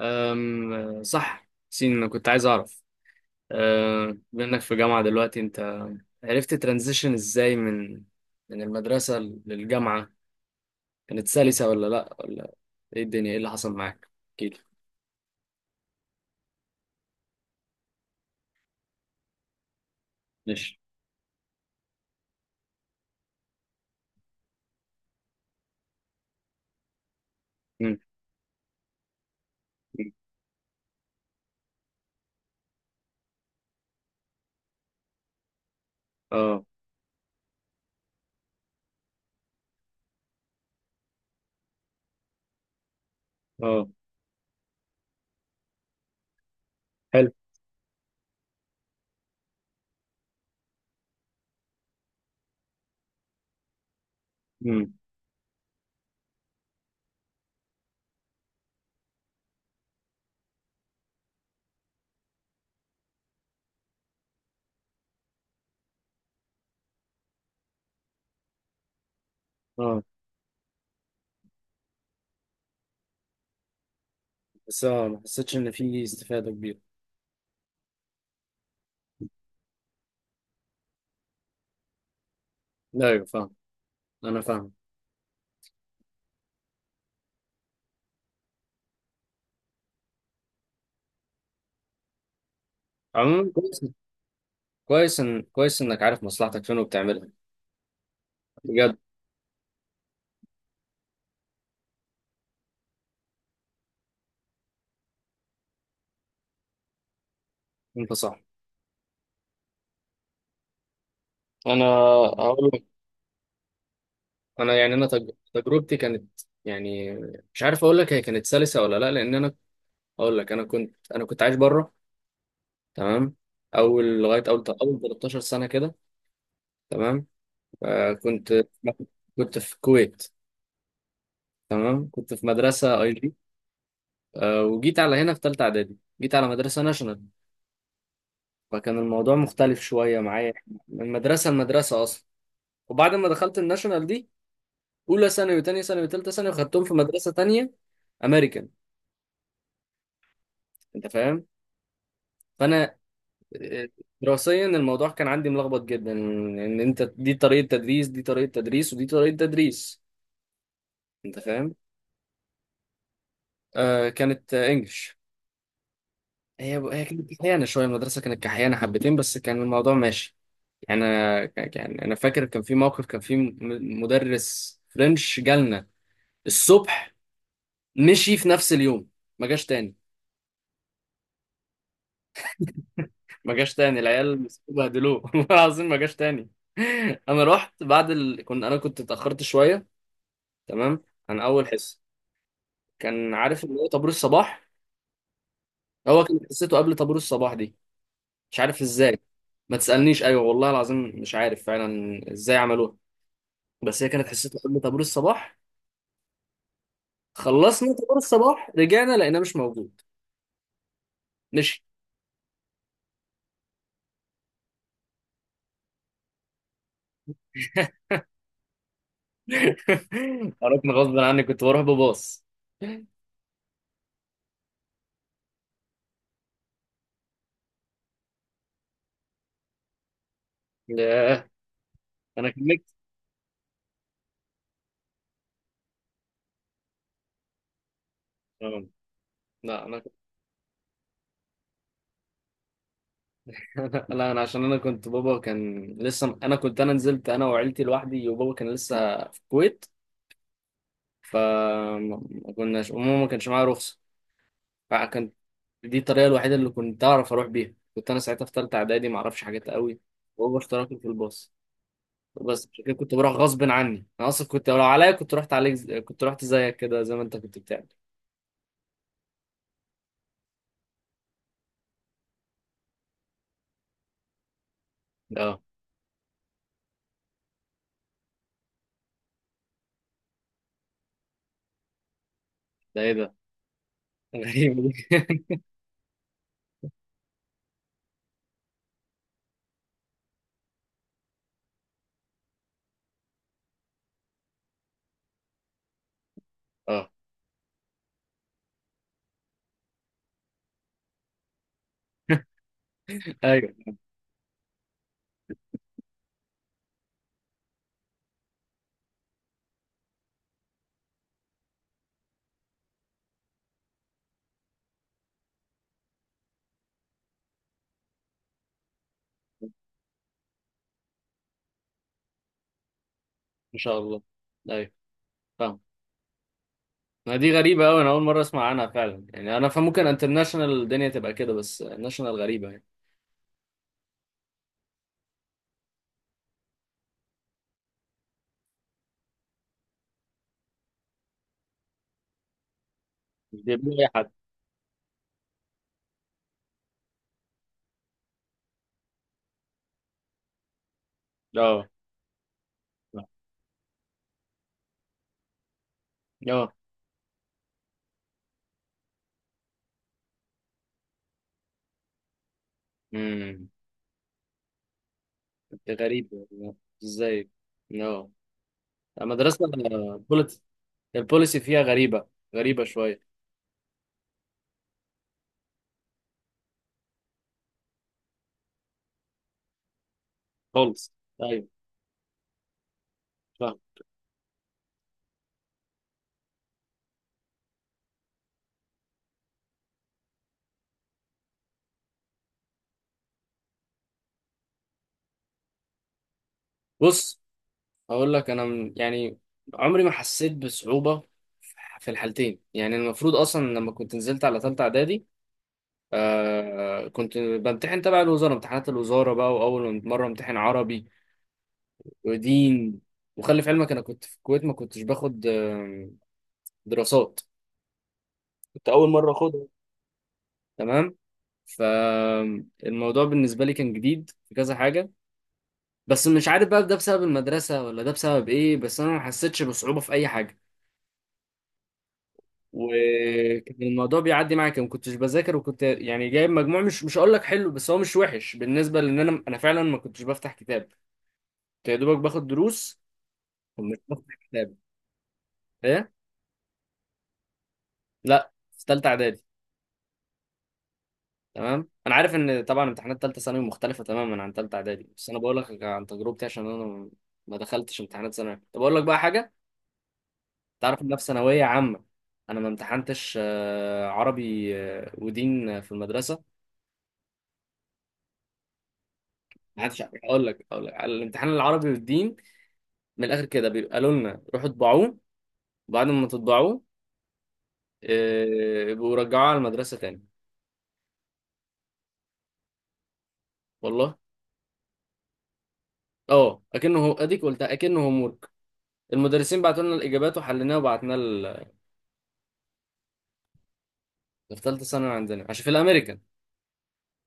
صح سين، انا كنت عايز اعرف. بما انك في جامعة دلوقتي، انت عرفت ترانزيشن ازاي من المدرسة للجامعة؟ كانت سلسة ولا لا؟ ولا ايه الدنيا، ايه اللي حصل معاك؟ اكيد. ماشي. مم. مم. اه. اه. حلو. مم. اه. بس اه، ما حسيتش ان في استفادة كبيرة. لا، ايوه، فاهم. انا فاهم. عموما كويس. كويس انك عارف مصلحتك فين وبتعملها بجد. انت صح. انا هقول. انا يعني تجربتي كانت، يعني مش عارف اقول لك، هي كانت سلسه ولا لا. لان انا اقول لك، انا كنت عايش بره. تمام. لغايه اول 13 سنه كده. تمام. آه كنت في الكويت. تمام، كنت في مدرسه اي جي. آه، وجيت على هنا في ثالثه اعدادي، جيت على مدرسه ناشونال، فكان الموضوع مختلف شويه معايا، من مدرسه لمدرسه اصلا. وبعد ما دخلت الناشونال دي، اولى ثانوي وثانيه ثانوي وثالثه ثانوي خدتهم في مدرسه ثانيه امريكان. انت فاهم؟ فانا دراسيا الموضوع كان عندي ملخبط جدا، ان انت دي طريقة تدريس، دي طريقة تدريس، ودي طريقة تدريس. انت فاهم؟ آه كانت آه، انجلش. هي كانت كحيانة شوية، المدرسة كانت كحيانة حبتين، بس كان الموضوع ماشي. يعني انا فاكر كان في موقف، كان في مدرس فرنش جالنا الصبح، مشي في نفس اليوم، ما جاش تاني. ما جاش تاني، العيال مسكوه بهدلوه والله العظيم ما جاش تاني. انا رحت بعد كنت اتأخرت شوية. تمام. عن اول حصة. كان عارف اللي هو طابور الصباح. هو كان قصته قبل طابور الصباح دي. مش عارف ازاي. ما تسألنيش، ايوه والله العظيم، مش عارف فعلا ازاي عملوها. بس هي كانت حصته قبل طابور الصباح. خلصنا طابور الصباح، رجعنا لقيناه مش موجود. مشي. عرفنا غصب عني، كنت بروح بباص. ياه. انا كملت. آه. لا انا. لا انا، عشان انا كنت بابا كان لسه. انا نزلت انا وعيلتي لوحدي، وبابا كان لسه في الكويت. فما كناش، وماما ما كانش معايا رخصه، فكانت دي الطريقه الوحيده اللي كنت اعرف اروح بيها. كنت انا ساعتها في ثالثه اعدادي، ما اعرفش حاجات قوي، وهو اشتركني في الباص. بس عشان كده كنت بروح غصب عني. انا اصلا كنت، لو عليا، كنت رحت عليك كنت رحت زيك كده، زي ما انت كنت بتعمل. اه. ده ايه ده؟ غريبه دي. اه. ايوه. ان شاء الله. ايوه، فاهم. ما دي غريبه قوي، انا اول مره اسمع عنها فعلا. يعني انا، فممكن انترناشونال الدنيا تبقى كده، بس ناشونال غريبه يعني. مش بيقبلوا اي حد. اه. اه. امم غريبه ازاي. اه. المدرسة البوليسي فيها غريبة، غريبة شوية. خالص. أيوة. فاهم. بص، هقول لك. أنا يعني عمري ما حسيت بصعوبة في الحالتين. يعني المفروض أصلا لما كنت نزلت على تالتة إعدادي، كنت بمتحن تبع الوزارة، امتحانات الوزارة بقى، وأول مرة امتحن عربي ودين. وخلي في علمك أنا كنت في الكويت ما كنتش باخد دراسات، كنت اول مره اخدها. تمام. فالموضوع بالنسبة لي كان جديد في كذا حاجة. بس مش عارف بقى ده بسبب المدرسة ولا ده بسبب ايه، بس انا ما حسيتش بصعوبة في اي حاجة. وكان الموضوع بيعدي معايا كده، ما كنتش بذاكر، وكنت يعني جايب مجموع مش هقول لك حلو، بس هو مش وحش بالنسبة، لان انا فعلا ما كنتش بفتح كتاب. كنت يا دوبك باخد دروس ومش بفتح كتاب. ايه. لا، في ثالثة اعدادي. تمام، انا عارف ان طبعا امتحانات ثالثة ثانوي مختلفة تماما عن ثالثة اعدادي، بس انا بقول لك عن تجربتي، عشان انا ما دخلتش امتحانات ثانوي. طب اقول لك بقى حاجة، تعرف إن أنا في ثانوية عامة أنا ما امتحنتش عربي ودين في المدرسة. ما عادش، أقول لك، أقول لك على الامتحان العربي والدين، من الآخر كده بيبقى لنا روحوا اطبعوه، وبعد ما تطبعوه يبقوا رجعوه على المدرسة تاني. والله. اه، اكنه هو، اديك قلتها، اكنه هوم ورك. المدرسين بعتوا لنا الاجابات وحليناها وبعتنا ال-. في ثالثه ثانوي عندنا، عشان في الامريكان،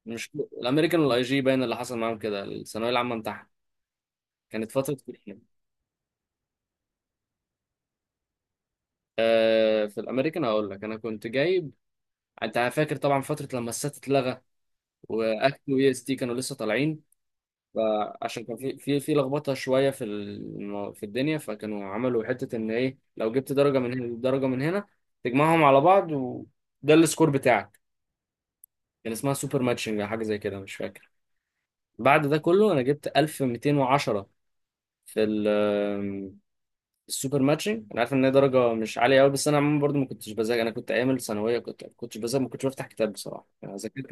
مش الامريكان والاي جي، باين اللي حصل معاهم كده الثانويه العامه بتاعها كانت فتره امتحان. في الامريكان هقول لك انا كنت جايب. انت فاكر طبعا فتره لما السات اتلغى، واكت واي اس تي كانوا لسه طالعين، فعشان كان في لخبطه شويه في الدنيا، فكانوا عملوا حته ان ايه لو جبت درجه من هنا ودرجه من هنا، تجمعهم على بعض وده السكور بتاعك. كان اسمها سوبر ماتشنج او حاجه زي كده، مش فاكر. بعد ده كله انا جبت 1210 في ال- السوبر ماتشنج. انا عارف ان هي درجه مش عاليه قوي، بس انا عموما برضو ما كنتش بذاكر. انا كنت ايام الثانويه كنت ما كنتش بذاكر، ما كنتش بفتح كتاب بصراحه. انا ذاكرت.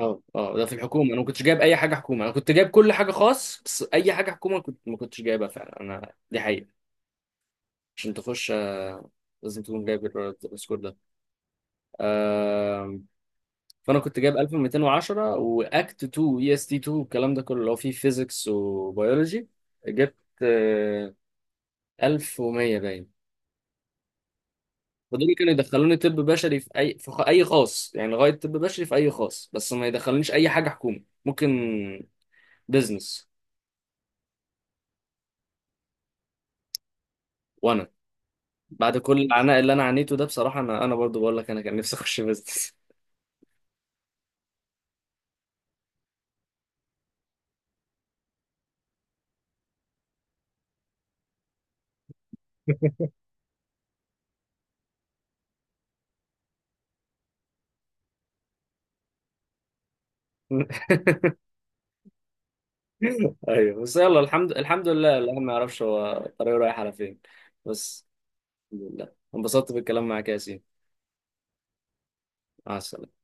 اه. اه، ده في الحكومه، انا ما كنتش جايب اي حاجه حكومه، انا كنت جايب كل حاجه خاص، بس اي حاجه حكومه كنت ما كنتش جايبها فعلا. انا دي حقيقه. عشان تخش لازم تكون جايب ال- السكور ده. آه فانا كنت جايب 1210 واكت 2 اي اس تي 2، والكلام ده كله اللي هو فيه فيزيكس وبيولوجي، جبت آه 1100 باين. فدول كانوا يدخلوني طب بشري، في اي خاص يعني، لغايه طب بشري في اي خاص، بس ما يدخلونيش اي حاجه حكومه، ممكن بزنس. بعد كل العناء اللي انا عانيته ده بصراحه، انا برضو بقول لك انا كان نفسي اخش بيزنس. ايوه، بس يلا، الحمد لله. الواحد ما يعرفش هو طريقه رايح على فين. بس الحمد لله انبسطت بالكلام معاك يا ياسين. مع السلامه.